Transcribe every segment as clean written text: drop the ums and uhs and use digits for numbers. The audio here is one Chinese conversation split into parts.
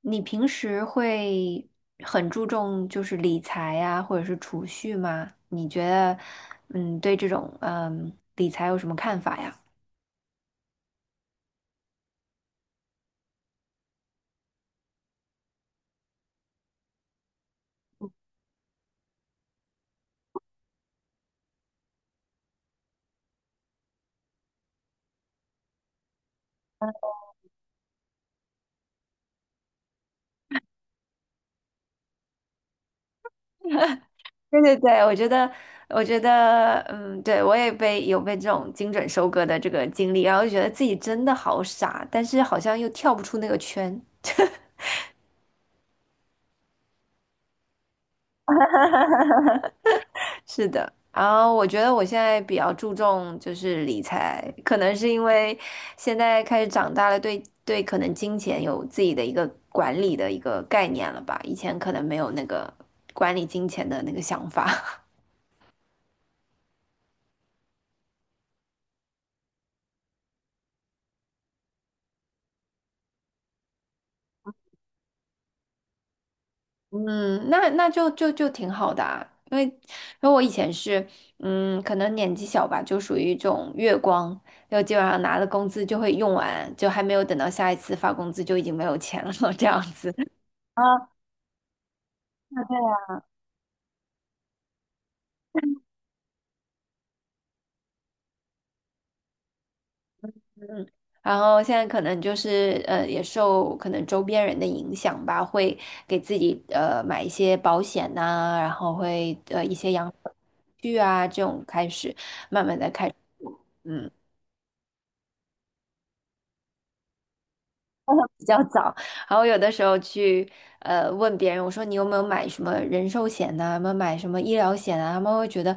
你平时会很注重就是理财呀，或者是储蓄吗？你觉得，对这种理财有什么看法呀？对对对，我觉得，我觉得，嗯，对，我也被这种精准收割的这个经历，然后就觉得自己真的好傻，但是好像又跳不出那个圈。是的，然后我觉得我现在比较注重就是理财，可能是因为现在开始长大了，对对，可能金钱有自己的一个管理的一个概念了吧，以前可能没有那个管理金钱的那个想法。嗯，那就挺好的啊，因为我以前是，可能年纪小吧，就属于这种月光，就基本上拿了工资就会用完，就还没有等到下一次发工资就已经没有钱了，这样子。啊，对。嗯，然后现在可能就是也受可能周边人的影响吧，会给自己买一些保险呐、然后会一些养老。具啊这种开始慢慢的开始。嗯比较早，然后有的时候去问别人，我说你有没有买什么人寿险呐、有没有买什么医疗险啊？他们会觉得，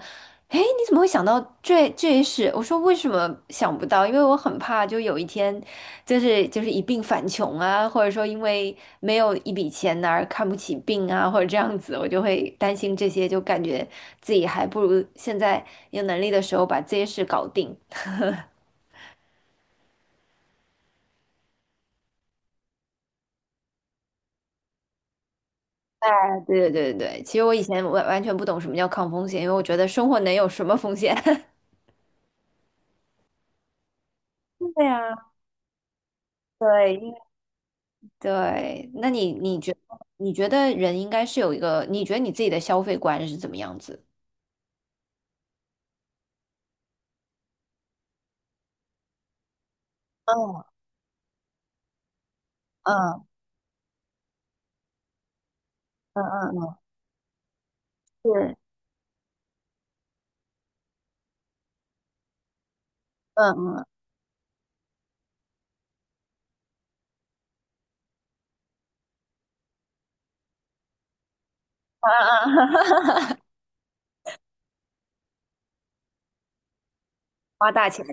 哎，你怎么会想到这些事？我说为什么想不到？因为我很怕，就有一天，就是一病返穷啊，或者说因为没有一笔钱而看不起病啊，或者这样子，我就会担心这些，就感觉自己还不如现在有能力的时候把这些事搞定。对对对对对，其实我以前完全不懂什么叫抗风险，因为我觉得生活能有什么风险？对呀，对，因为对，那你觉得人应该是有一个，你觉得你自己的消费观是怎么样子？嗯嗯嗯嗯嗯，是，嗯嗯啊啊啊！花大钱，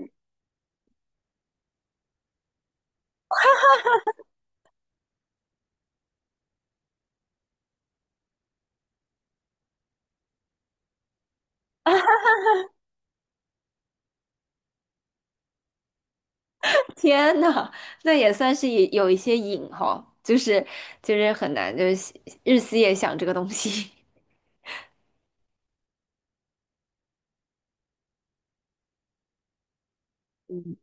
天呐，那也算是也有一些瘾哈，就是就是很难，就是日思夜想这个东西。嗯。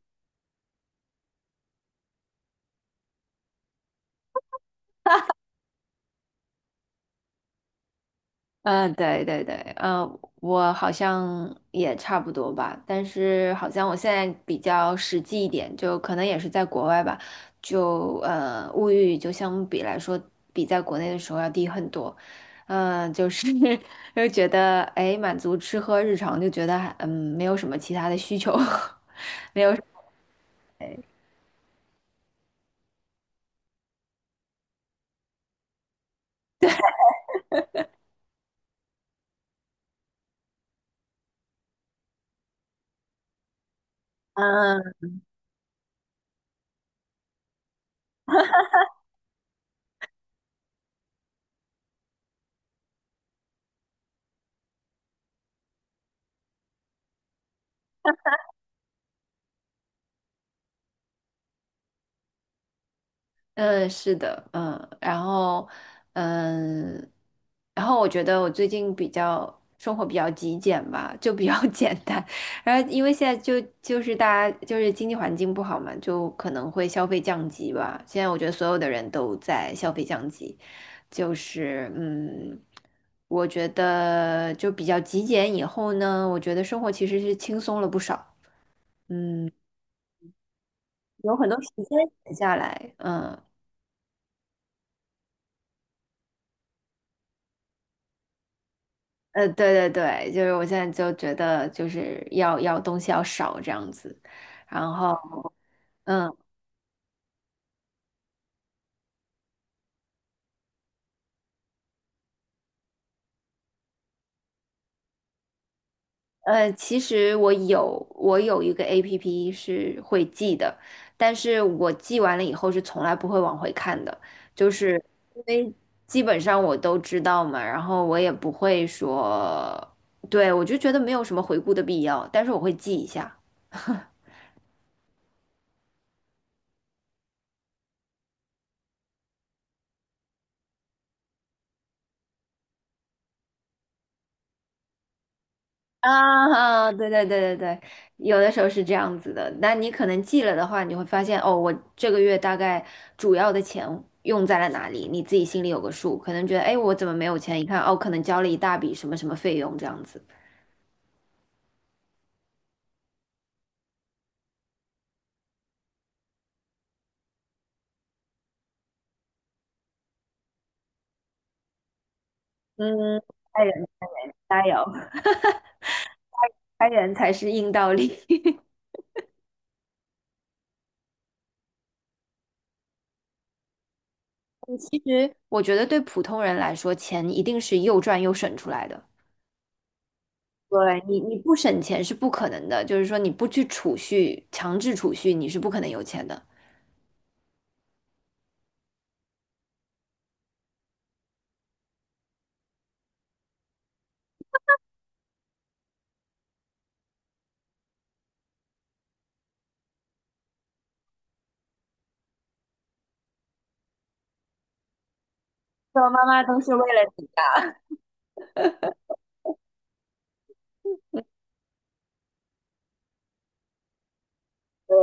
对对对，嗯，我好像也差不多吧，但是好像我现在比较实际一点，就可能也是在国外吧，就物欲就相比来说，比在国内的时候要低很多，就是 又觉得哎，满足吃喝日常，就觉得还没有什么其他的需求，没有，嗯、嗯，是的，嗯，然后，嗯，然后我觉得我最近比较生活比较极简吧，就比较 简单。然后因为现在就是大家就是经济环境不好嘛，就可能会消费降级吧。现在我觉得所有的人都在消费降级，就是嗯，我觉得就比较极简以后呢，我觉得生活其实是轻松了不少，嗯，有很多时间闲下来，嗯。呃，对对对，就是我现在就觉得就是要东西要少这样子，然后，嗯其实我有一个 APP 是会记的，但是我记完了以后是从来不会往回看的，就是因为基本上我都知道嘛，然后我也不会说，对，我就觉得没有什么回顾的必要，但是我会记一下。啊，啊对对对对对，有的时候是这样子的。那你可能记了的话，你会发现哦，我这个月大概主要的钱用在了哪里，你自己心里有个数。可能觉得，哎，我怎么没有钱？一看，哦，可能交了一大笔什么什么费用这样子。嗯，开源加油，开源才是硬道理。嗯其实我觉得对普通人来说，钱一定是又赚又省出来的。你不省钱是不可能的，就是说你不去储蓄，强制储蓄，你是不可能有钱的。我妈妈都是为了你，对，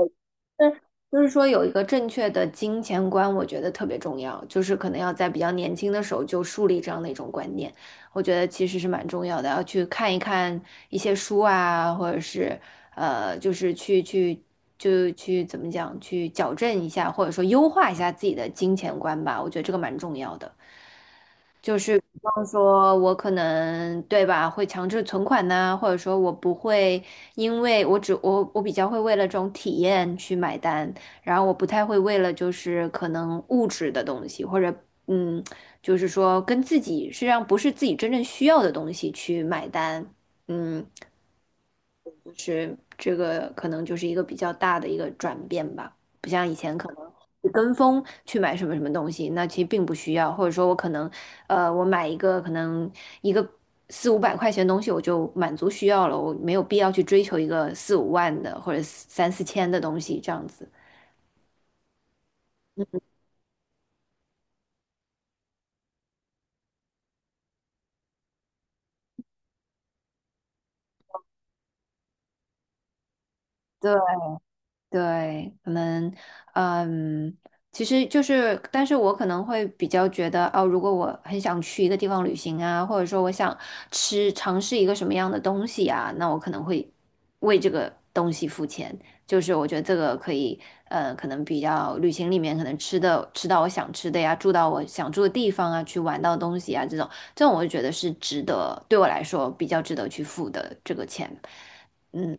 就是就是说有一个正确的金钱观，我觉得特别重要，就是可能要在比较年轻的时候就树立这样的一种观念，我觉得其实是蛮重要的，要去看一看一些书啊，或者是就是去就去怎么讲，去矫正一下，或者说优化一下自己的金钱观吧，我觉得这个蛮重要的。方说，我可能对吧，会强制存款呐、或者说我不会，因为我只我我比较会为了这种体验去买单，然后我不太会为了就是可能物质的东西，或者嗯，就是说跟自己实际上不是自己真正需要的东西去买单，嗯，这个可能就是一个比较大的一个转变吧，不像以前可能你跟风去买什么什么东西，那其实并不需要，或者说我可能，我买一个四五百块钱的东西我就满足需要了，我没有必要去追求一个四五万的或者三四千的东西这样子。对，对，可能，嗯，其实就是，但是我可能会比较觉得，哦，如果我很想去一个地方旅行啊，或者说我想尝试一个什么样的东西啊，那我可能会为这个东西付钱。就是我觉得这个可以，可能比较旅行里面可能吃到我想吃的呀，住到我想住的地方啊，去玩到的东西啊，这种我就觉得是值得，对我来说比较值得去付的这个钱。嗯，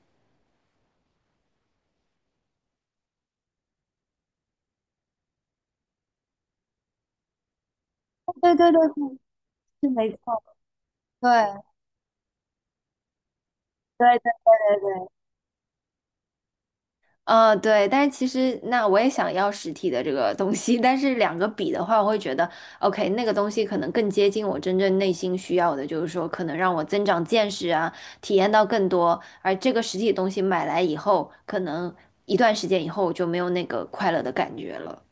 对对对对是没错。对。对对对对对，呃，对，但是其实那我也想要实体的这个东西，但是两个比的话，我会觉得，OK,那个东西可能更接近我真正内心需要的，就是说可能让我增长见识啊，体验到更多，而这个实体东西买来以后，可能一段时间以后我就没有那个快乐的感觉了。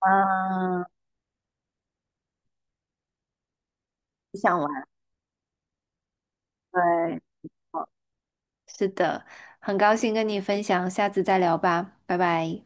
嗯，不想玩，对，好，是的，很高兴跟你分享，下次再聊吧，拜拜。